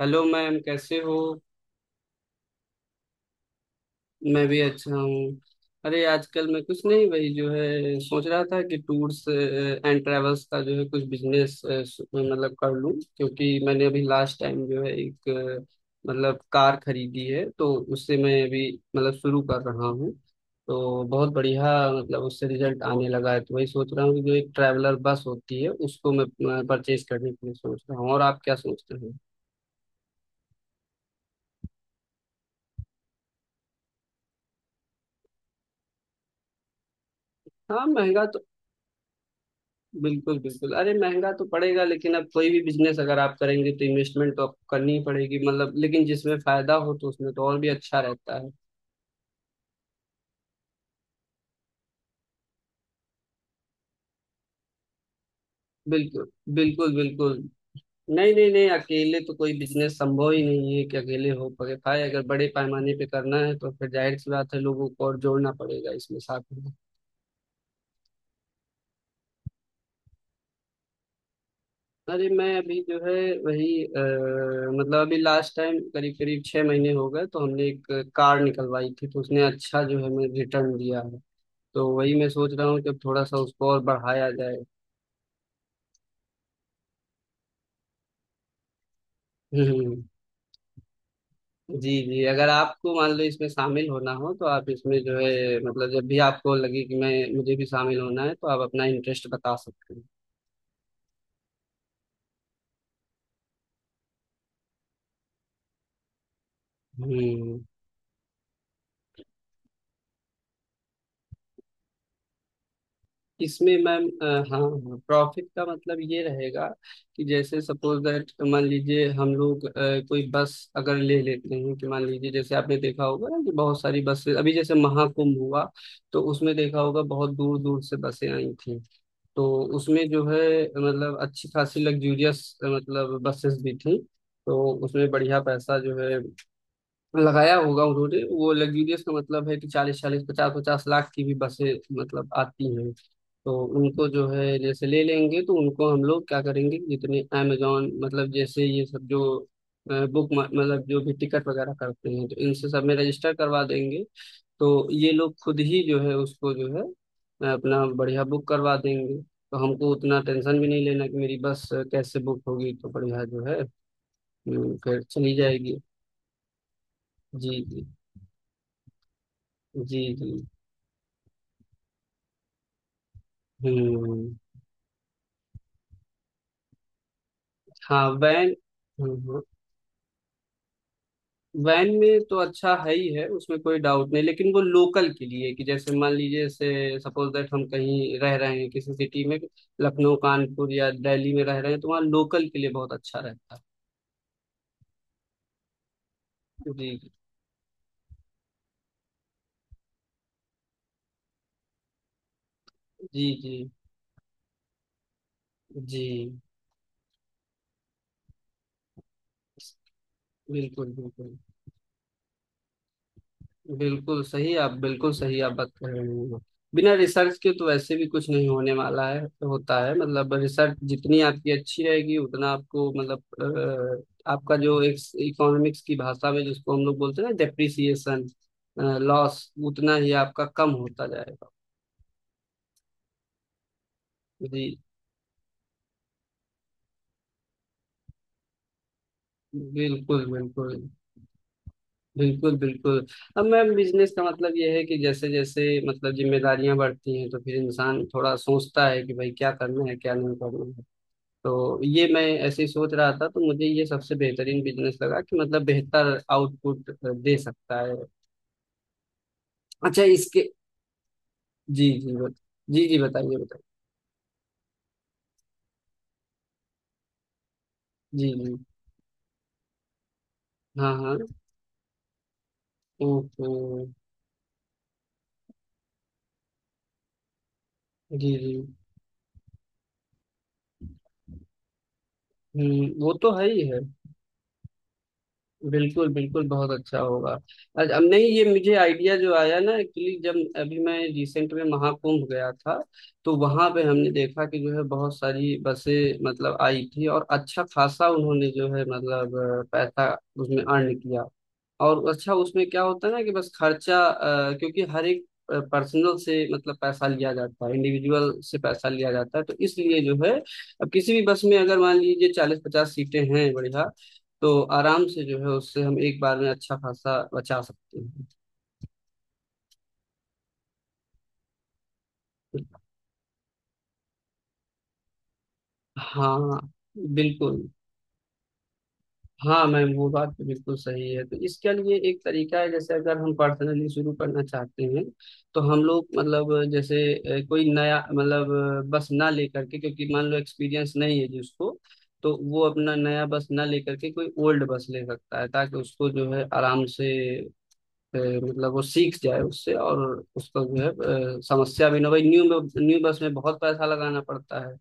Hello ma'am, कैसे हो? मैं भी अच्छा हूँ। अरे आजकल मैं कुछ नहीं, वही जो है सोच रहा था कि टूर्स एंड ट्रैवल्स का जो है कुछ बिजनेस मतलब कर लूँ, क्योंकि मैंने अभी लास्ट टाइम जो है एक मतलब कार खरीदी है, तो उससे मैं अभी मतलब शुरू कर रहा हूँ। तो बहुत बढ़िया, मतलब उससे रिजल्ट आने लगा है, तो वही सोच रहा हूँ कि जो एक ट्रैवलर बस होती है उसको मैं परचेज करने के लिए सोच रहा हूँ, और आप क्या सोचते हो? हाँ, महंगा। बिल्कुल बिल्कुल, अरे महंगा तो पड़ेगा, लेकिन अब कोई भी बिजनेस अगर आप करेंगे तो इन्वेस्टमेंट तो आपको करनी ही पड़ेगी, मतलब लेकिन जिसमें फायदा हो तो उसमें तो और भी अच्छा रहता है। बिल्कुल बिल्कुल। बिल्कुल। नहीं नहीं नहीं, अकेले तो कोई बिजनेस संभव ही नहीं है कि अकेले हो पके पाए, अगर बड़े पैमाने पे करना है तो फिर जाहिर सी बात है लोगों को और जोड़ना पड़ेगा इसमें साथ में। अरे मैं अभी जो है, वही मतलब अभी लास्ट टाइम करीब करीब 6 महीने हो गए, तो हमने एक कार निकलवाई थी, तो उसने अच्छा जो है हमें रिटर्न दिया है, तो वही मैं सोच रहा हूँ कि अब थोड़ा सा उसको और बढ़ाया जाए। हम्म। जी जी, अगर आपको मान लो इसमें शामिल होना हो तो आप इसमें जो है मतलब, जब भी आपको लगे कि मैं मुझे भी शामिल होना है, तो आप अपना इंटरेस्ट बता सकते हैं। हम्म। इसमें मैम हाँ, प्रॉफिट का मतलब ये रहेगा कि जैसे सपोज दैट मान लीजिए हम लोग कोई बस अगर ले लेते हैं, कि मान लीजिए जैसे आपने देखा होगा ना कि बहुत सारी बसें अभी जैसे महाकुंभ हुआ, तो उसमें देखा होगा बहुत दूर दूर से बसें आई थी। तो उसमें जो है मतलब अच्छी खासी लग्जूरियस मतलब बसेस भी थी, तो उसमें बढ़िया पैसा जो है लगाया होगा उन्होंने। वो लग्जूरियस का मतलब है कि चालीस चालीस पचास पचास लाख की भी बसें मतलब आती हैं। तो उनको जो है जैसे ले लेंगे तो उनको हम लोग क्या करेंगे कि जितने अमेजोन मतलब जैसे ये सब जो बुक मतलब जो भी टिकट वगैरह करते हैं तो इनसे सब में रजिस्टर करवा देंगे। तो ये लोग खुद ही जो है उसको जो है अपना बढ़िया बुक करवा देंगे, तो हमको उतना टेंशन भी नहीं लेना कि मेरी बस कैसे बुक होगी, तो बढ़िया जो है फिर चली जाएगी। जी जी जी जी। हम्म। हाँ, वैन। हम्म, वैन में तो अच्छा है ही है, उसमें कोई डाउट नहीं, लेकिन वो लोकल के लिए, कि जैसे मान लीजिए से सपोज दैट हम कहीं रह रहे हैं किसी सिटी में, लखनऊ कानपुर या दिल्ली में रह रहे हैं तो वहाँ लोकल के लिए बहुत अच्छा रहता है। जी जी जी जी। बिल्कुल बिल्कुल। बिल्कुल सही आप, बिल्कुल सही आप बात कर रहे हैं, बिना रिसर्च के तो वैसे भी कुछ नहीं होने वाला है। होता है मतलब रिसर्च जितनी आपकी अच्छी रहेगी उतना आपको मतलब आपका जो एक इकोनॉमिक्स की भाषा में जिसको हम लोग बोलते हैं ना डेप्रिसिएशन लॉस उतना ही आपका कम होता जाएगा। जी। बिल्कुल बिल्कुल। बिल्कुल बिल्कुल। अब मैम बिजनेस का मतलब यह है कि जैसे जैसे मतलब जिम्मेदारियां बढ़ती हैं तो फिर इंसान थोड़ा सोचता है कि भाई क्या करना है क्या नहीं करना है, तो ये मैं ऐसे ही सोच रहा था, तो मुझे ये सबसे बेहतरीन बिजनेस लगा कि मतलब बेहतर आउटपुट दे सकता है। अच्छा इसके। जी जी जी जी बताइए बताइए। जी जी। हाँ हाँ। ओके। जी जी। हम्म, वो तो है ही है। बिल्कुल बिल्कुल, बहुत अच्छा होगा। अब नहीं, ये मुझे आइडिया जो आया ना एक्चुअली, जब अभी मैं रिसेंट में महाकुंभ गया था तो वहां पे हमने देखा कि जो है बहुत सारी बसें मतलब आई थी, और अच्छा खासा उन्होंने जो है मतलब पैसा उसमें अर्न किया, और अच्छा उसमें क्या होता है ना कि बस खर्चा क्योंकि हर एक पर्सनल से मतलब पैसा लिया जाता है, इंडिविजुअल से पैसा लिया जाता है, तो इसलिए जो है अब किसी भी बस में अगर मान लीजिए 40-50 सीटें हैं, बढ़िया। तो आराम से जो है उससे हम एक बार में अच्छा खासा बचा सकते हैं। हाँ। बिल्कुल। हाँ मैम वो बात तो बिल्कुल सही है। तो इसके लिए एक तरीका है, जैसे अगर हम पर्सनली शुरू करना चाहते हैं तो हम लोग मतलब जैसे कोई नया मतलब बस ना लेकर के, क्योंकि मान लो एक्सपीरियंस नहीं है जिसको, तो वो अपना नया बस ना लेकर के कोई ओल्ड बस ले सकता है, ताकि उसको जो है आराम से मतलब वो सीख जाए उससे, और उसका जो है समस्या भी ना हो। भाई न्यू न्यू बस में बहुत पैसा लगाना पड़ता है।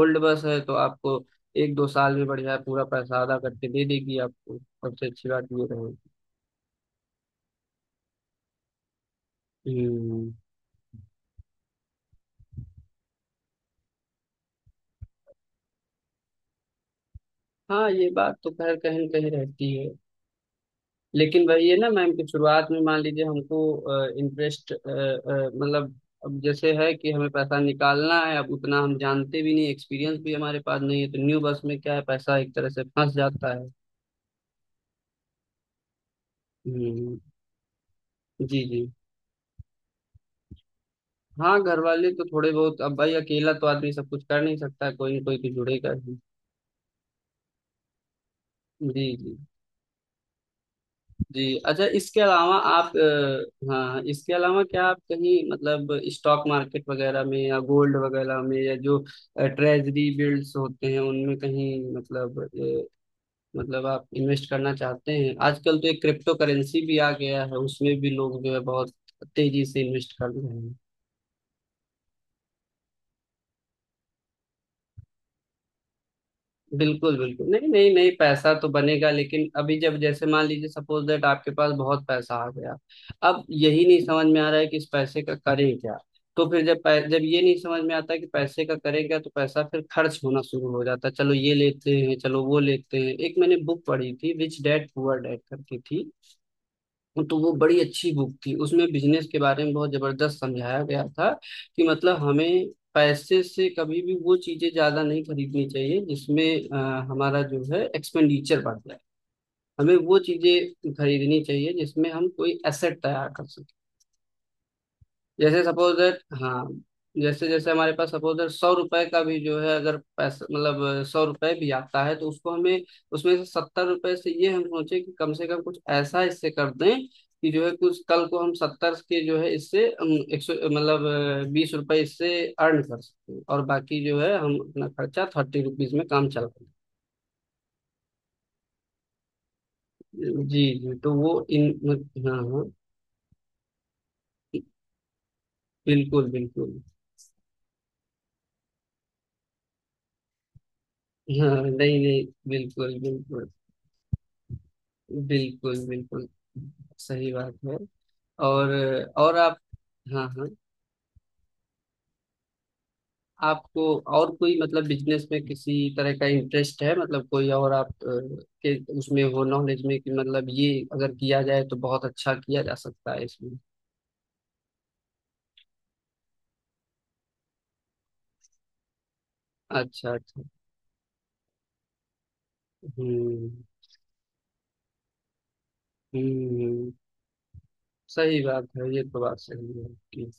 ओल्ड बस है तो आपको एक दो साल में बढ़िया पूरा पैसा अदा करके दे देगी, आपको सबसे अच्छी बात ये रहेगी। हम्म। हाँ, ये बात तो खैर कहीं न कहीं रहती है। लेकिन भाई ये ना मैम कि शुरुआत में मान लीजिए हमको इंटरेस्ट मतलब, अब जैसे है कि हमें पैसा निकालना है, अब उतना हम जानते भी नहीं, एक्सपीरियंस भी हमारे पास नहीं है, तो न्यू बस में क्या है पैसा एक तरह से फंस जाता है। हम्म, जी जी। हाँ, घर वाले तो थोड़े बहुत, अब भाई अकेला तो आदमी सब कुछ कर नहीं सकता, कोई ना कोई तो जुड़ेगा ही। जी जी। जी, अच्छा इसके अलावा आप हाँ इसके अलावा क्या आप कहीं मतलब स्टॉक मार्केट वगैरह में या गोल्ड वगैरह में या जो ट्रेजरी बिल्ड्स होते हैं उनमें कहीं मतलब मतलब आप इन्वेस्ट करना चाहते हैं? आजकल तो एक क्रिप्टो करेंसी भी आ गया है, उसमें भी लोग जो है बहुत तेजी से इन्वेस्ट कर रहे हैं। बिल्कुल बिल्कुल, नहीं नहीं नहीं, पैसा तो बनेगा, लेकिन अभी जब जैसे मान लीजिए सपोज दैट आपके पास बहुत पैसा आ गया, अब यही नहीं समझ में आ रहा है कि इस पैसे का करें क्या। तो फिर जब ये नहीं समझ में आता कि पैसे का करें क्या, तो पैसा फिर खर्च होना शुरू हो जाता है, चलो ये लेते हैं, चलो वो लेते हैं। एक मैंने बुक पढ़ी थी रिच डैड पुअर डैड करके थी, तो वो बड़ी अच्छी बुक थी, उसमें बिजनेस के बारे में बहुत जबरदस्त समझाया गया था कि मतलब हमें पैसे से कभी भी वो चीजें ज्यादा नहीं खरीदनी चाहिए जिसमें हमारा जो है एक्सपेंडिचर बढ़ जाए, हमें वो चीजें खरीदनी चाहिए जिसमें हम कोई एसेट तैयार कर सकें। जैसे सपोज दैट, हाँ, जैसे जैसे हमारे पास सपोज दैट 100 रुपए का भी जो है, अगर पैसा मतलब 100 रुपए भी आता है, तो उसको हमें उसमें से 70 रुपए से ये हम सोचे कि कम से कम कुछ ऐसा इससे कर दें कि जो है कुछ कल को हम सत्तर के जो है इससे 100 मतलब 20 रुपए इससे अर्न कर सकते हैं, और बाकी जो है हम अपना खर्चा 30 रुपीज में काम चला लें। जी जी तो वो इन, हाँ हाँ। बिल्कुल बिल्कुल। हाँ, नहीं नहीं, बिल्कुल बिल्कुल। बिल्कुल बिल्कुल, सही बात है। और और आप, हाँ हाँ, आपको और कोई मतलब बिजनेस में किसी तरह का इंटरेस्ट है? मतलब कोई और आप के उसमें हो नॉलेज में कि मतलब ये अगर किया जाए तो बहुत अच्छा किया जा सकता है इसमें। अच्छा अच्छा। हम्म हम्म हम्म। सही बात है, ये तो बात सही है आपकी।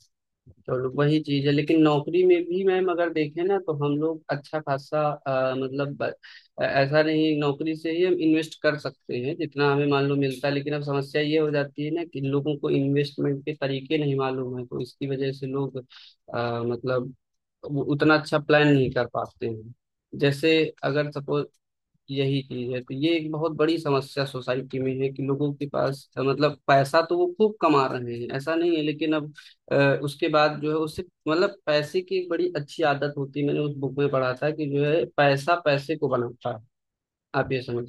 चलो वही चीज है, लेकिन नौकरी में भी मैम अगर देखें ना तो हम लोग अच्छा खासा अ, मतलब ब- ऐसा नहीं, नौकरी से ही हम इन्वेस्ट कर सकते हैं जितना हमें मान लो मिलता है, लेकिन अब समस्या ये हो जाती है ना कि लोगों को इन्वेस्टमेंट के तरीके नहीं मालूम है, तो इसकी वजह से लोग मतलब वो उतना अच्छा प्लान नहीं कर पाते हैं। जैसे अगर सपोज यही चीज है, तो ये एक बहुत बड़ी समस्या सोसाइटी में है कि लोगों के पास मतलब पैसा तो वो खूब कमा रहे हैं ऐसा नहीं है, लेकिन अब अ, उसके बाद जो है उससे मतलब पैसे की एक बड़ी अच्छी आदत होती है, मैंने उस बुक में पढ़ा था कि जो है पैसा पैसे को बनाता है, आप ये समझ।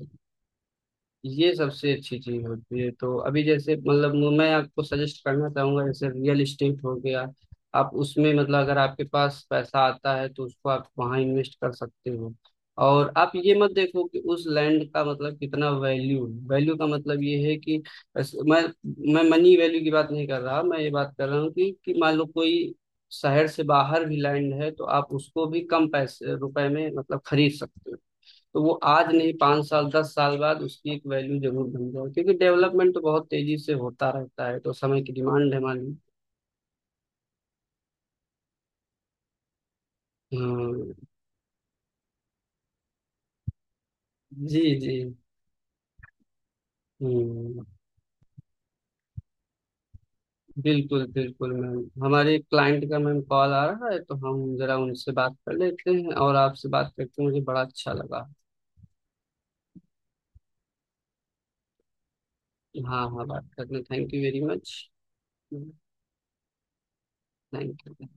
ये सबसे अच्छी चीज होती है, तो अभी जैसे मतलब मैं आपको सजेस्ट करना चाहूंगा जैसे रियल इस्टेट हो गया, आप उसमें मतलब अगर आपके पास पैसा आता है तो उसको आप वहां इन्वेस्ट कर सकते हो। और आप ये मत देखो कि उस लैंड का मतलब कितना वैल्यू है, वैल्यू का मतलब ये है कि बस- मैं मैं मनी वैल्यू की बात नहीं कर रहा, मैं ये बात कर रहा हूँ कि मान लो कोई शहर से बाहर भी लैंड है, तो आप उसको भी कम पैसे रुपए में मतलब खरीद सकते हो। तो वो आज नहीं 5 साल 10 साल बाद उसकी एक वैल्यू जरूर बन जाए, क्योंकि डेवलपमेंट तो बहुत तेजी से होता रहता है, तो समय की डिमांड है हमारी। हम्म, जी जी। हम्म, बिल्कुल बिल्कुल मैम, हमारे क्लाइंट का मैम कॉल आ रहा है, तो हम जरा उनसे बात कर लेते हैं, और आपसे बात करके मुझे बड़ा अच्छा लगा। हाँ हाँ बात करने thank you very much. Thank you.